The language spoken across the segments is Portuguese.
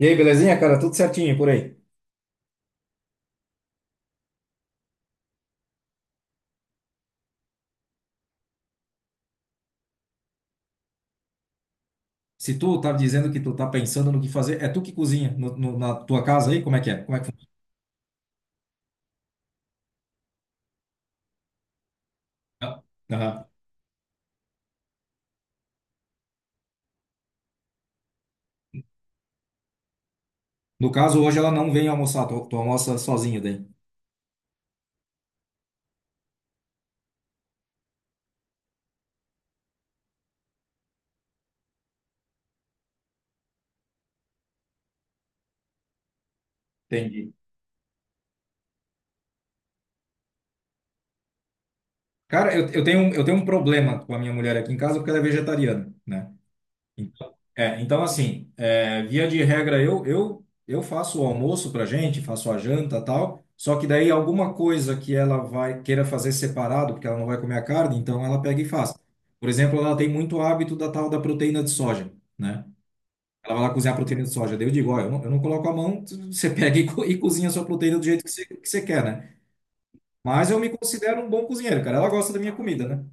E aí, belezinha, cara? Tudo certinho por aí? Se tu tá dizendo que tu tá pensando no que fazer, é tu que cozinha na tua casa aí? Como é que é? Como é que funciona? Aham. No caso, hoje ela não vem almoçar, tu almoça sozinho daí. Entendi. Cara, eu tenho, eu tenho um problema com a minha mulher aqui em casa porque ela é vegetariana, né? Então, é, então assim, é, via de regra, eu faço o almoço pra gente, faço a janta tal, só que daí alguma coisa que ela vai queira fazer separado, porque ela não vai comer a carne, então ela pega e faz. Por exemplo, ela tem muito hábito da tal da proteína de soja, né? Ela vai lá cozinhar a proteína de soja. Daí eu digo, ó, eu não coloco a mão, você pega e, e cozinha a sua proteína do jeito que que você quer, né? Mas eu me considero um bom cozinheiro, cara. Ela gosta da minha comida, né?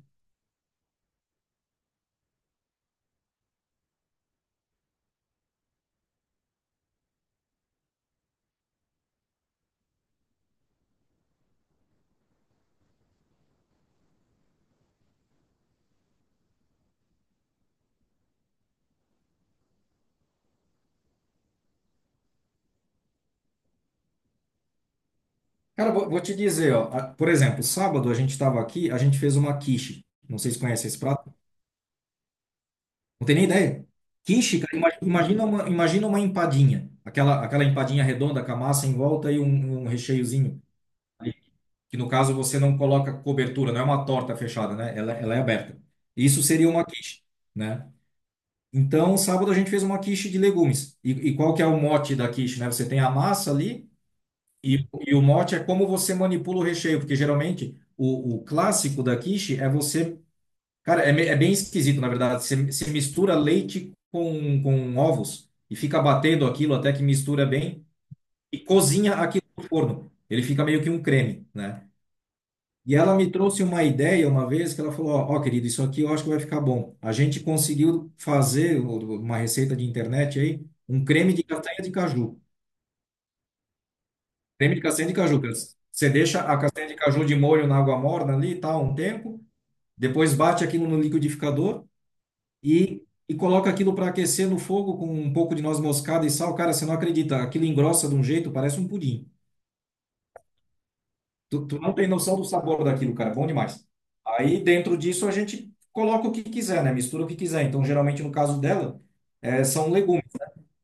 Cara, vou te dizer, ó. Por exemplo, sábado a gente estava aqui, a gente fez uma quiche. Não sei se conhece esse prato. Não tem nem ideia. Quiche, cara, imagina uma empadinha. Aquela empadinha redonda com a massa em volta e um recheiozinho ali, que no caso você não coloca cobertura, não é uma torta fechada, né? Ela é aberta. Isso seria uma quiche, né? Então, sábado a gente fez uma quiche de legumes. E qual que é o mote da quiche, né? Você tem a massa ali. E o mote é como você manipula o recheio, porque geralmente o clássico da quiche é você. Cara, é, é bem esquisito, na verdade. Você mistura leite com ovos e fica batendo aquilo até que mistura bem e cozinha aquilo no forno. Ele fica meio que um creme, né? E ela me trouxe uma ideia uma vez que ela falou: ó, ó, querido, isso aqui eu acho que vai ficar bom. A gente conseguiu fazer uma receita de internet aí, um creme de castanha de caju. Creme de castanha de caju, cara. Você deixa a castanha de caju de molho na água morna ali e tal, um tempo. Depois bate aquilo no liquidificador e, e coloca aquilo para aquecer no fogo com um pouco de noz moscada e sal. Cara, você não acredita. Aquilo engrossa de um jeito, parece um pudim. Tu não tem noção do sabor daquilo, cara. Bom demais. Aí dentro disso a gente coloca o que quiser, né? Mistura o que quiser. Então, geralmente no caso dela, são legumes.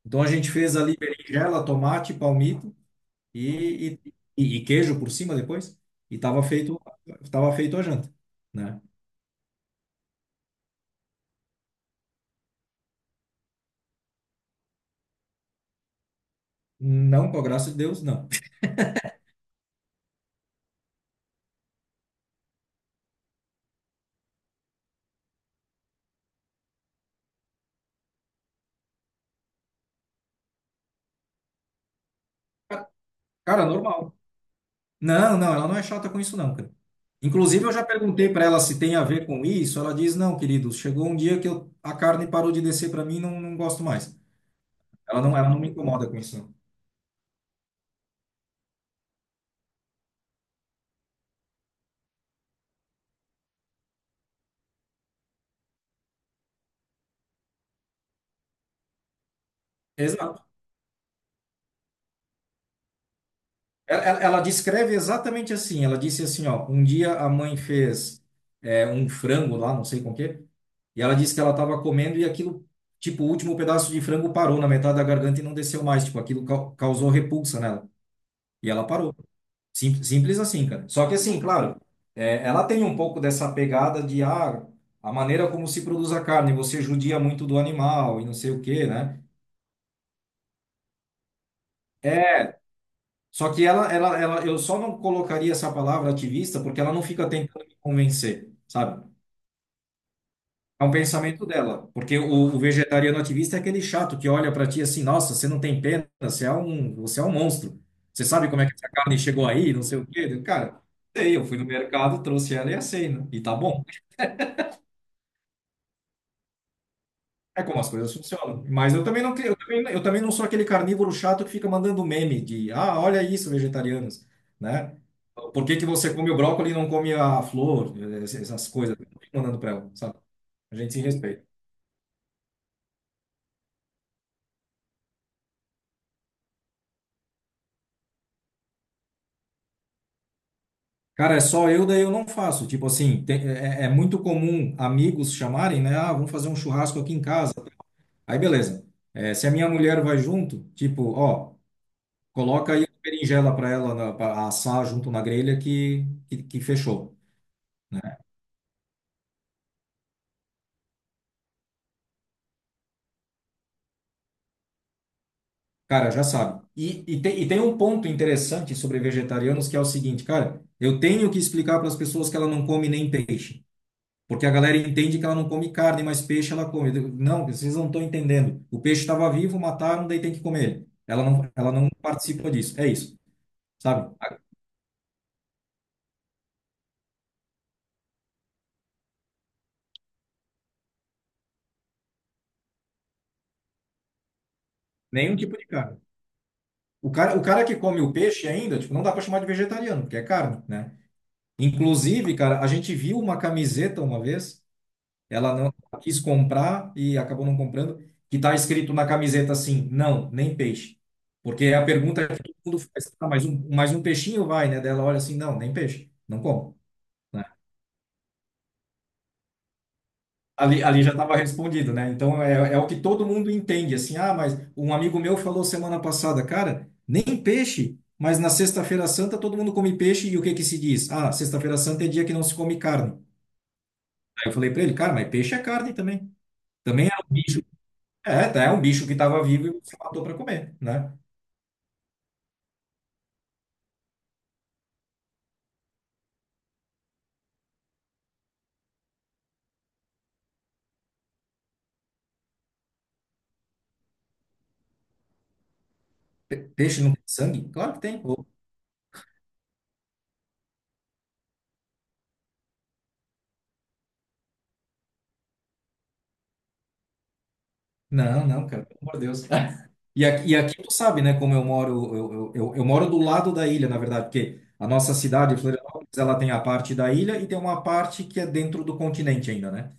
Então a gente fez ali berinjela, tomate, palmito. e, e queijo por cima depois. E tava feito, tava feito a janta, né? Não, com a graça de Deus, não. Cara, normal. Não, ela não é chata com isso, não, cara. Inclusive, eu já perguntei para ela se tem a ver com isso. Ela diz: não, querido, chegou um dia que eu, a carne parou de descer para mim, não gosto mais. Ela não me incomoda com isso, não. Exato. Ela descreve exatamente assim. Ela disse assim: ó, um dia a mãe fez um frango lá, não sei com o quê. E ela disse que ela estava comendo e aquilo, tipo, o último pedaço de frango parou na metade da garganta e não desceu mais. Tipo, aquilo causou repulsa nela. E ela parou. Sim, simples assim, cara. Só que assim, claro, é, ela tem um pouco dessa pegada de, ah, a maneira como se produz a carne, você judia muito do animal e não sei o quê, né? É, só que ela, eu só não colocaria essa palavra ativista porque ela não fica tentando me convencer, sabe? É um pensamento dela, porque o vegetariano ativista é aquele chato que olha para ti assim, nossa, você não tem pena, você é um monstro. Você sabe como é que essa carne chegou aí, não sei o quê. Cara, sei, eu fui no mercado, trouxe ela e assei, né? E tá bom. É como as coisas funcionam. Mas eu também não sou aquele carnívoro chato que fica mandando meme de, ah, olha isso, vegetarianos, né? Por que que você come o brócolis e não come a flor, é, essas coisas? Eu não fico mandando para ela, sabe? A gente se respeita. Cara, é só eu, daí eu não faço. Tipo assim, é, é muito comum amigos chamarem, né? Ah, vamos fazer um churrasco aqui em casa. Aí, beleza. É, se a minha mulher vai junto, tipo, ó, coloca aí a berinjela pra ela na, pra assar junto na grelha que fechou, né? Cara, já sabe. E tem um ponto interessante sobre vegetarianos que é o seguinte, cara, eu tenho que explicar para as pessoas que ela não come nem peixe. Porque a galera entende que ela não come carne, mas peixe ela come. Eu digo, não, vocês não estão entendendo. O peixe estava vivo, mataram, daí tem que comer ele. Ela não participa disso. É isso, sabe? Nenhum tipo de carne. O cara que come o peixe ainda, tipo, não dá para chamar de vegetariano, porque é carne, né? Inclusive, cara, a gente viu uma camiseta uma vez, ela não ela quis comprar e acabou não comprando, que tá escrito na camiseta assim, não, nem peixe. Porque é a pergunta é que todo mundo faz, tá mais um peixinho vai, né? Dela olha assim, não, nem peixe, não como, né? Ali, ali já estava respondido, né? Então é, é o que todo mundo entende, assim, ah, mas um amigo meu falou semana passada, cara, nem peixe, mas na Sexta-feira Santa todo mundo come peixe e o que que se diz? Ah, Sexta-feira Santa é dia que não se come carne. Aí eu falei para ele, cara, mas peixe é carne também. Também é um bicho. É, tá, é um bicho que estava vivo e você matou para comer, né? Peixe não tem sangue? Claro que tem. Ô, não, cara, pelo amor de Deus. E aqui tu sabe, né, como eu moro, eu moro do lado da ilha, na verdade, porque a nossa cidade, Florianópolis, ela tem a parte da ilha e tem uma parte que é dentro do continente ainda, né?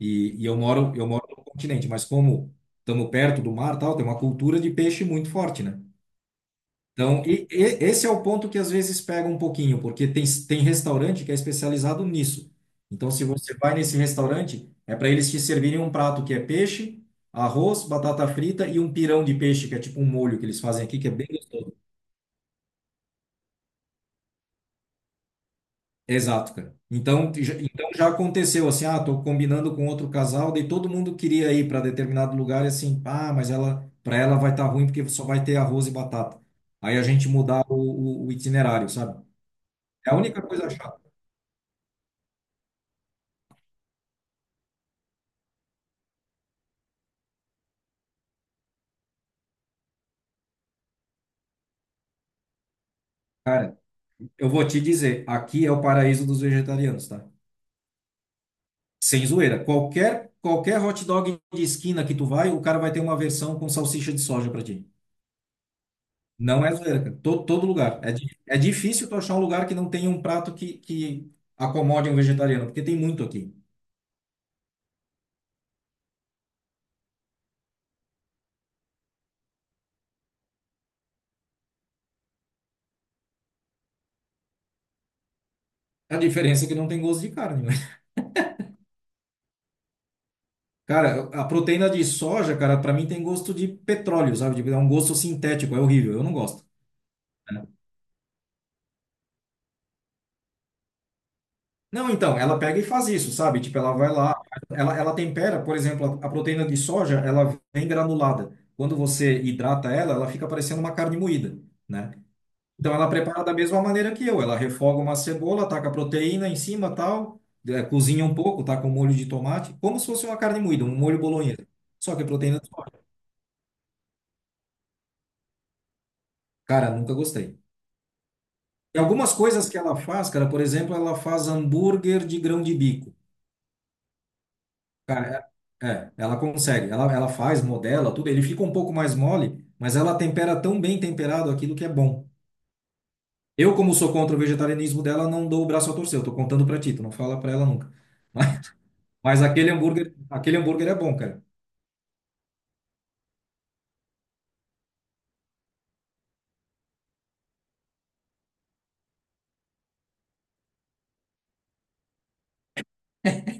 E, eu moro no continente, mas como estamos perto do mar, e tal, tem uma cultura de peixe muito forte, né? Então, esse é o ponto que às vezes pega um pouquinho, porque tem restaurante que é especializado nisso. Então, se você vai nesse restaurante, é para eles te servirem um prato que é peixe, arroz, batata frita e um pirão de peixe, que é tipo um molho que eles fazem aqui, que é bem gostoso. Exato, cara. Então, então já aconteceu assim, ah, tô combinando com outro casal, daí todo mundo queria ir para determinado lugar e assim, ah, mas ela, para ela vai estar ruim porque só vai ter arroz e batata. Aí a gente mudar o itinerário, sabe? É a única coisa chata. Cara, eu vou te dizer, aqui é o paraíso dos vegetarianos, tá? Sem zoeira. Qualquer, qualquer hot dog de esquina que tu vai, o cara vai ter uma versão com salsicha de soja pra ti. Não é zoeira, cara. Todo, todo lugar. É, é difícil tu achar um lugar que não tenha um prato que acomode um vegetariano, porque tem muito aqui. A diferença é que não tem gosto de carne, né? Cara, a proteína de soja, cara, pra mim tem gosto de petróleo, sabe? Tipo, é um gosto sintético, é horrível, eu não gosto. Não, então, ela pega e faz isso, sabe? Tipo, ela vai lá, ela tempera, por exemplo, a proteína de soja, ela vem granulada. Quando você hidrata ela, ela fica parecendo uma carne moída, né? Então, ela prepara da mesma maneira que eu. Ela refoga uma cebola, taca a proteína em cima, tal, cozinha um pouco, taca um molho de tomate, como se fosse uma carne moída, um molho bolonhesa. Só que é proteína de soja. Cara, nunca gostei. E algumas coisas que ela faz, cara, por exemplo, ela faz hambúrguer de grão de bico. Cara, ela consegue. Ela faz, modela, tudo. Ele fica um pouco mais mole, mas ela tempera tão bem temperado aquilo que é bom. Eu, como sou contra o vegetarianismo dela, não dou o braço a torcer. Eu tô contando pra ti, tu não fala pra ela nunca. Mas, aquele hambúrguer é bom, cara.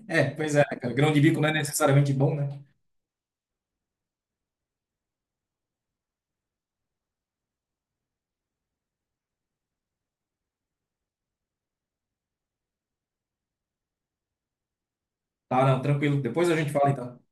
É, pois é, cara. Grão de bico não é necessariamente bom, né? Tá, não, tranquilo. Depois a gente fala, então.